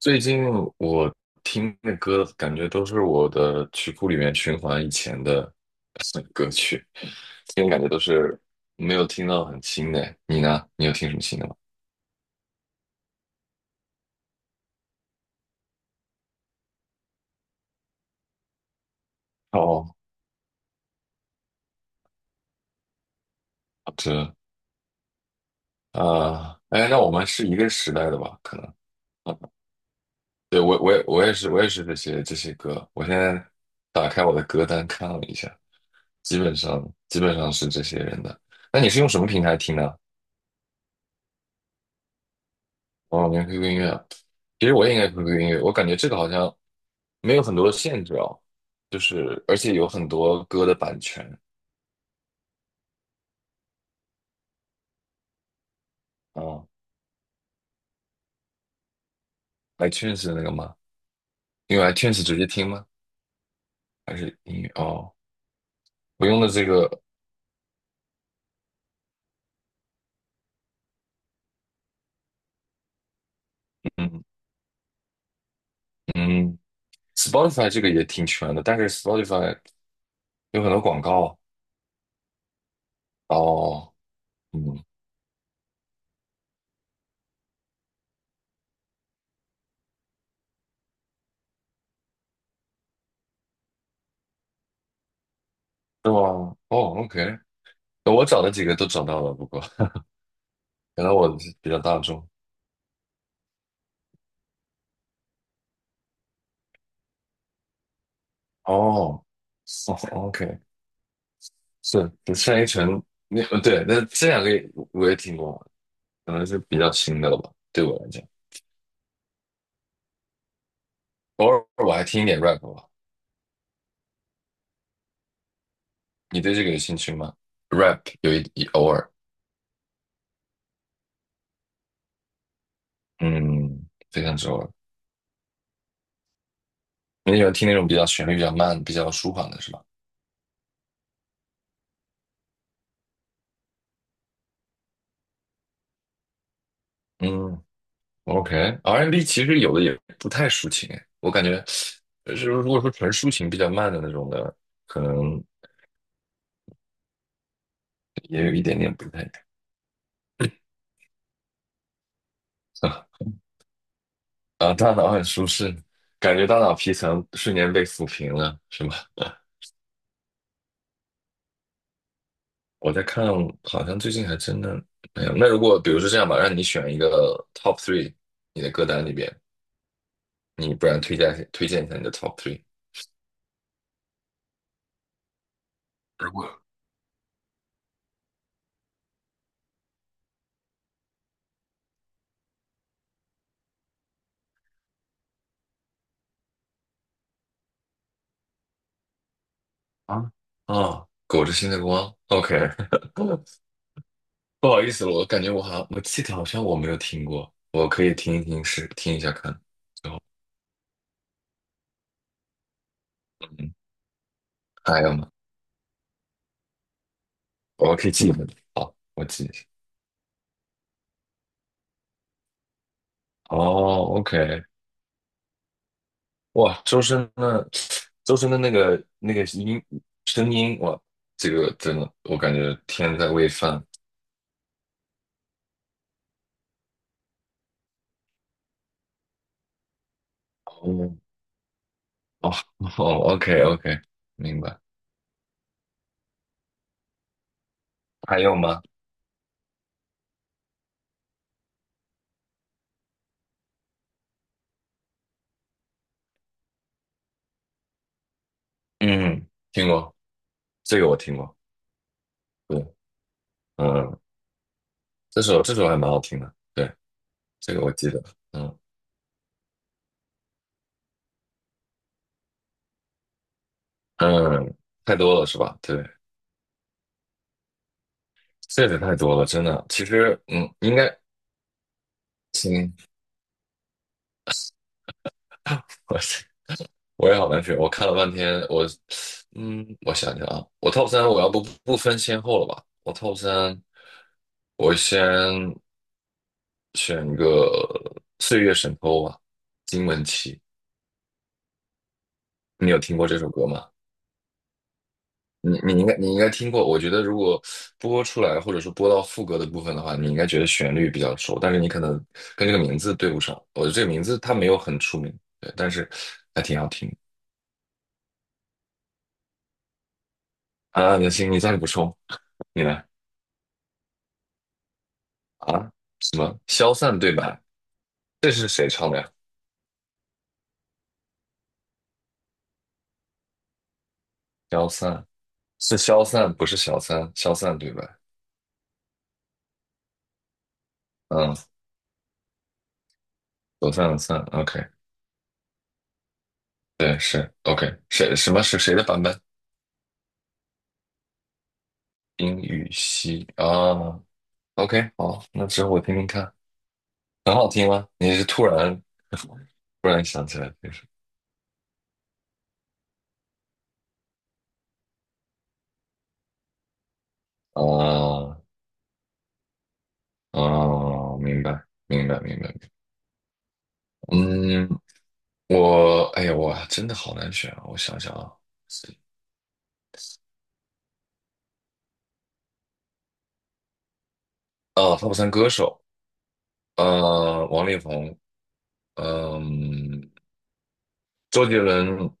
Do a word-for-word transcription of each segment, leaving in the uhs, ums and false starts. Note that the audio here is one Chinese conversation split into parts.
最近我听的歌，感觉都是我的曲库里面循环以前的 歌曲，听感觉都是没有听到很新的。你呢？你有听什么新的吗？哦，好的，啊，哎，那我们是一个时代的吧？可能，对，我我也我也是我也是这些这些歌。我现在打开我的歌单看了一下，基本上基本上是这些人的。那你是用什么平台听呢？哦，连 Q Q 音乐啊，其实我也应该 Q Q 音乐，我感觉这个好像没有很多的限制哦，就是而且有很多歌的版权啊，i t u n e s 的那个吗？因为 iTunes 直接听吗？还是音乐？哦，我用的这个，嗯嗯，Spotify 这个也挺全的，但是 Spotify 有很多广告啊哦，嗯，是吗？哦，OK，我找的几个都找到了，不过可能我比较大众哦。哦，OK，是单依纯城，那呃对，那这两个也我也听过，可能是比较新的了吧，对我来讲，偶尔我还听一点 rap 吧。你对这个有兴趣吗？rap 有一一偶尔，嗯，非常之偶尔。你喜欢听那种比较旋律比较慢、比较舒缓的是吧？嗯，OK，R and B n 其实有的也不太抒情诶，我感觉，就是如果说纯抒情比较慢的那种的，可能也有一点点不太一样啊，大脑很舒适，感觉大脑皮层瞬间被抚平了，是吗？我在看，好像最近还真的没有。那如果比如说这样吧，让你选一个 top three，你的歌单里边，你不然推荐推荐一下你的 top three。如果啊啊，裹着新的光，OK，不好意思了，我感觉我好像我记得好像我没有听过，我可以听一听试听一下看。嗯，还有吗？我可以记一下。好，我记一下。哦，OK，哇，周深的周深的那个那个音声音，哇，这个真的，我感觉天在喂饭。哦哦哦，OK OK，明白。还有吗？嗯，听过这个我听过，对，嗯，这首这首还蛮好听的，对，这个我记得，嗯嗯，太多了是吧？对，这个太多了，真的。其实，嗯，应该，行，我。我也好难选。我看了半天，我嗯，我想想啊，我 top 三我要不不分先后了吧？我 top 三，我先选一个《岁月神偷》吧，金玟岐。你有听过这首歌吗？你你应该你应该听过。我觉得如果播出来或者说播到副歌的部分的话，你应该觉得旋律比较熟，但是你可能跟这个名字对不上。我觉得这个名字它没有很出名，对，但是还挺好听的啊。那行，你再补充，你来。啊，什么消散对白？这是谁唱的呀？消散是消散，不是小三。消散对白，嗯，走散的散，OK，对，是 OK，谁什么是谁的版本？冰与熙啊，OK，好，那之后我听听看，很好听吗？你是突然 突然想起来这首啊啊，明白明白明白明白，嗯，我哎呀，我真的好难选啊，我想想啊，啊，他不算歌手。呃，王力宏，嗯、周杰伦，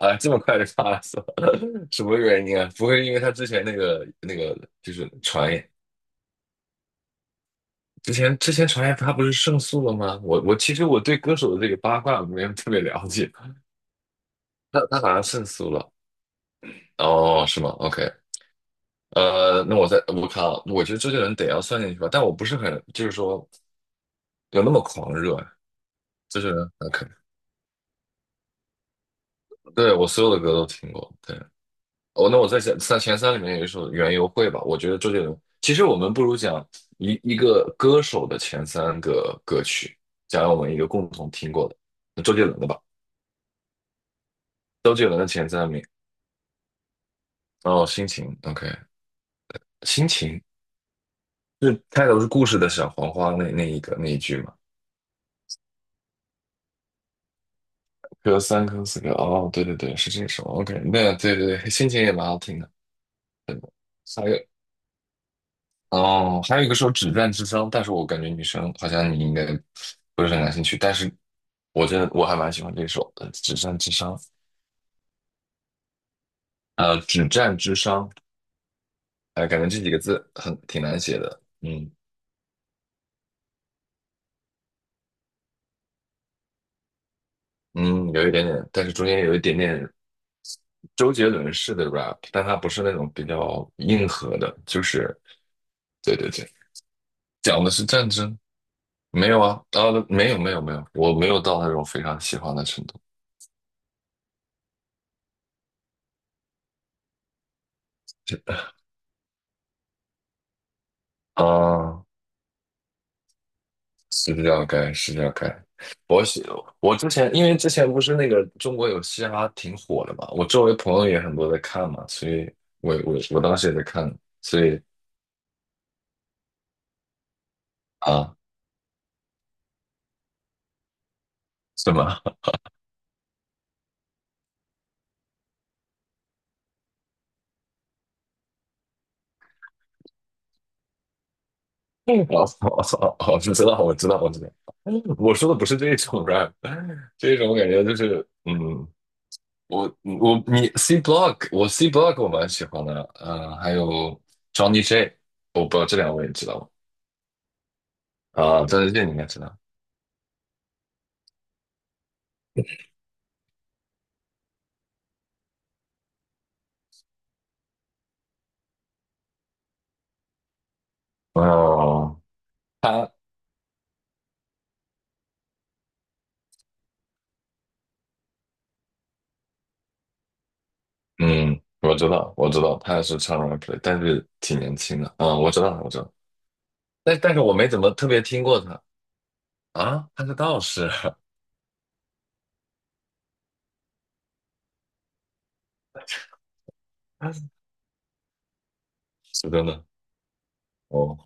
啊，这么快就杀了是吧？什么原因啊？不会因为他之前那个那个就是传言，之前之前传言他不是胜诉了吗？我我其实我对歌手的这个八卦没有特别了解，他他好像胜诉了，哦，是吗？OK，呃，那我再我看啊，我觉得周杰伦得要算进去吧，但我不是很就是说有那么狂热啊，周杰伦 OK，对我所有的歌都听过，对。哦，那我在前三前三里面有一首《园游会》吧，我觉得周杰伦。其实我们不如讲一一个歌手的前三个歌曲，讲我们一个共同听过的，那周杰伦的吧。周杰伦的前三名，哦，心情，OK，心情是开头是故事的小黄花那那一个那一句嘛，有三颗四颗，哦，对对对，是这首，OK，那对对对，心情也蛮好听的。还有哦，还有一个说止战之殇，但是我感觉女生好像你应该不是很感兴趣，但是我真的我还蛮喜欢这首的《止战之殇》。呃，止战之殇，哎，感觉这几个字很挺难写的，嗯嗯，有一点点，但是中间有一点点周杰伦式的 rap，但它不是那种比较硬核的，就是对对对，讲的是战争，没有啊，啊，没有没有没有，我没有到那种非常喜欢的程度，啊。是要改，是要改。我喜我之前因为之前不是那个中国有嘻哈挺火的嘛，我周围朋友也很多在看嘛，所以我我我当时也在看，所以啊，是吗？我我我知道，我知道，我知道。我说的不是这种 rap，这种感觉就是，嗯，我我你 C Block，我 C Block 我蛮喜欢的，嗯，还有 Johnny J，我不知道这两位你知道吗？啊，张卫健你应该知道。哦，他。嗯，我知道，我知道，他是唱 r a p l 但是挺年轻的。嗯，我知道，我知道，但但是我没怎么特别听过他啊。他是道士，他是是真的哦，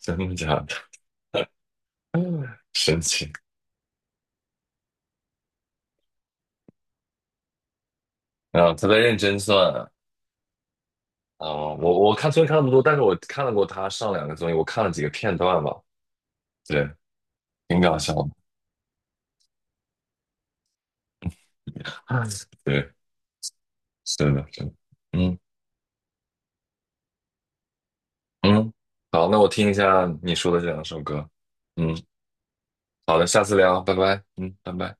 真的假的？神奇啊！他在认真算啊。我我看虽然看那么多，但是我看了过他上两个综艺，我看了几个片段吧。对，挺搞笑的。对，是的，是的。嗯嗯，好，那我听一下你说的这两首歌。嗯，好的，下次聊，拜拜。嗯，拜拜。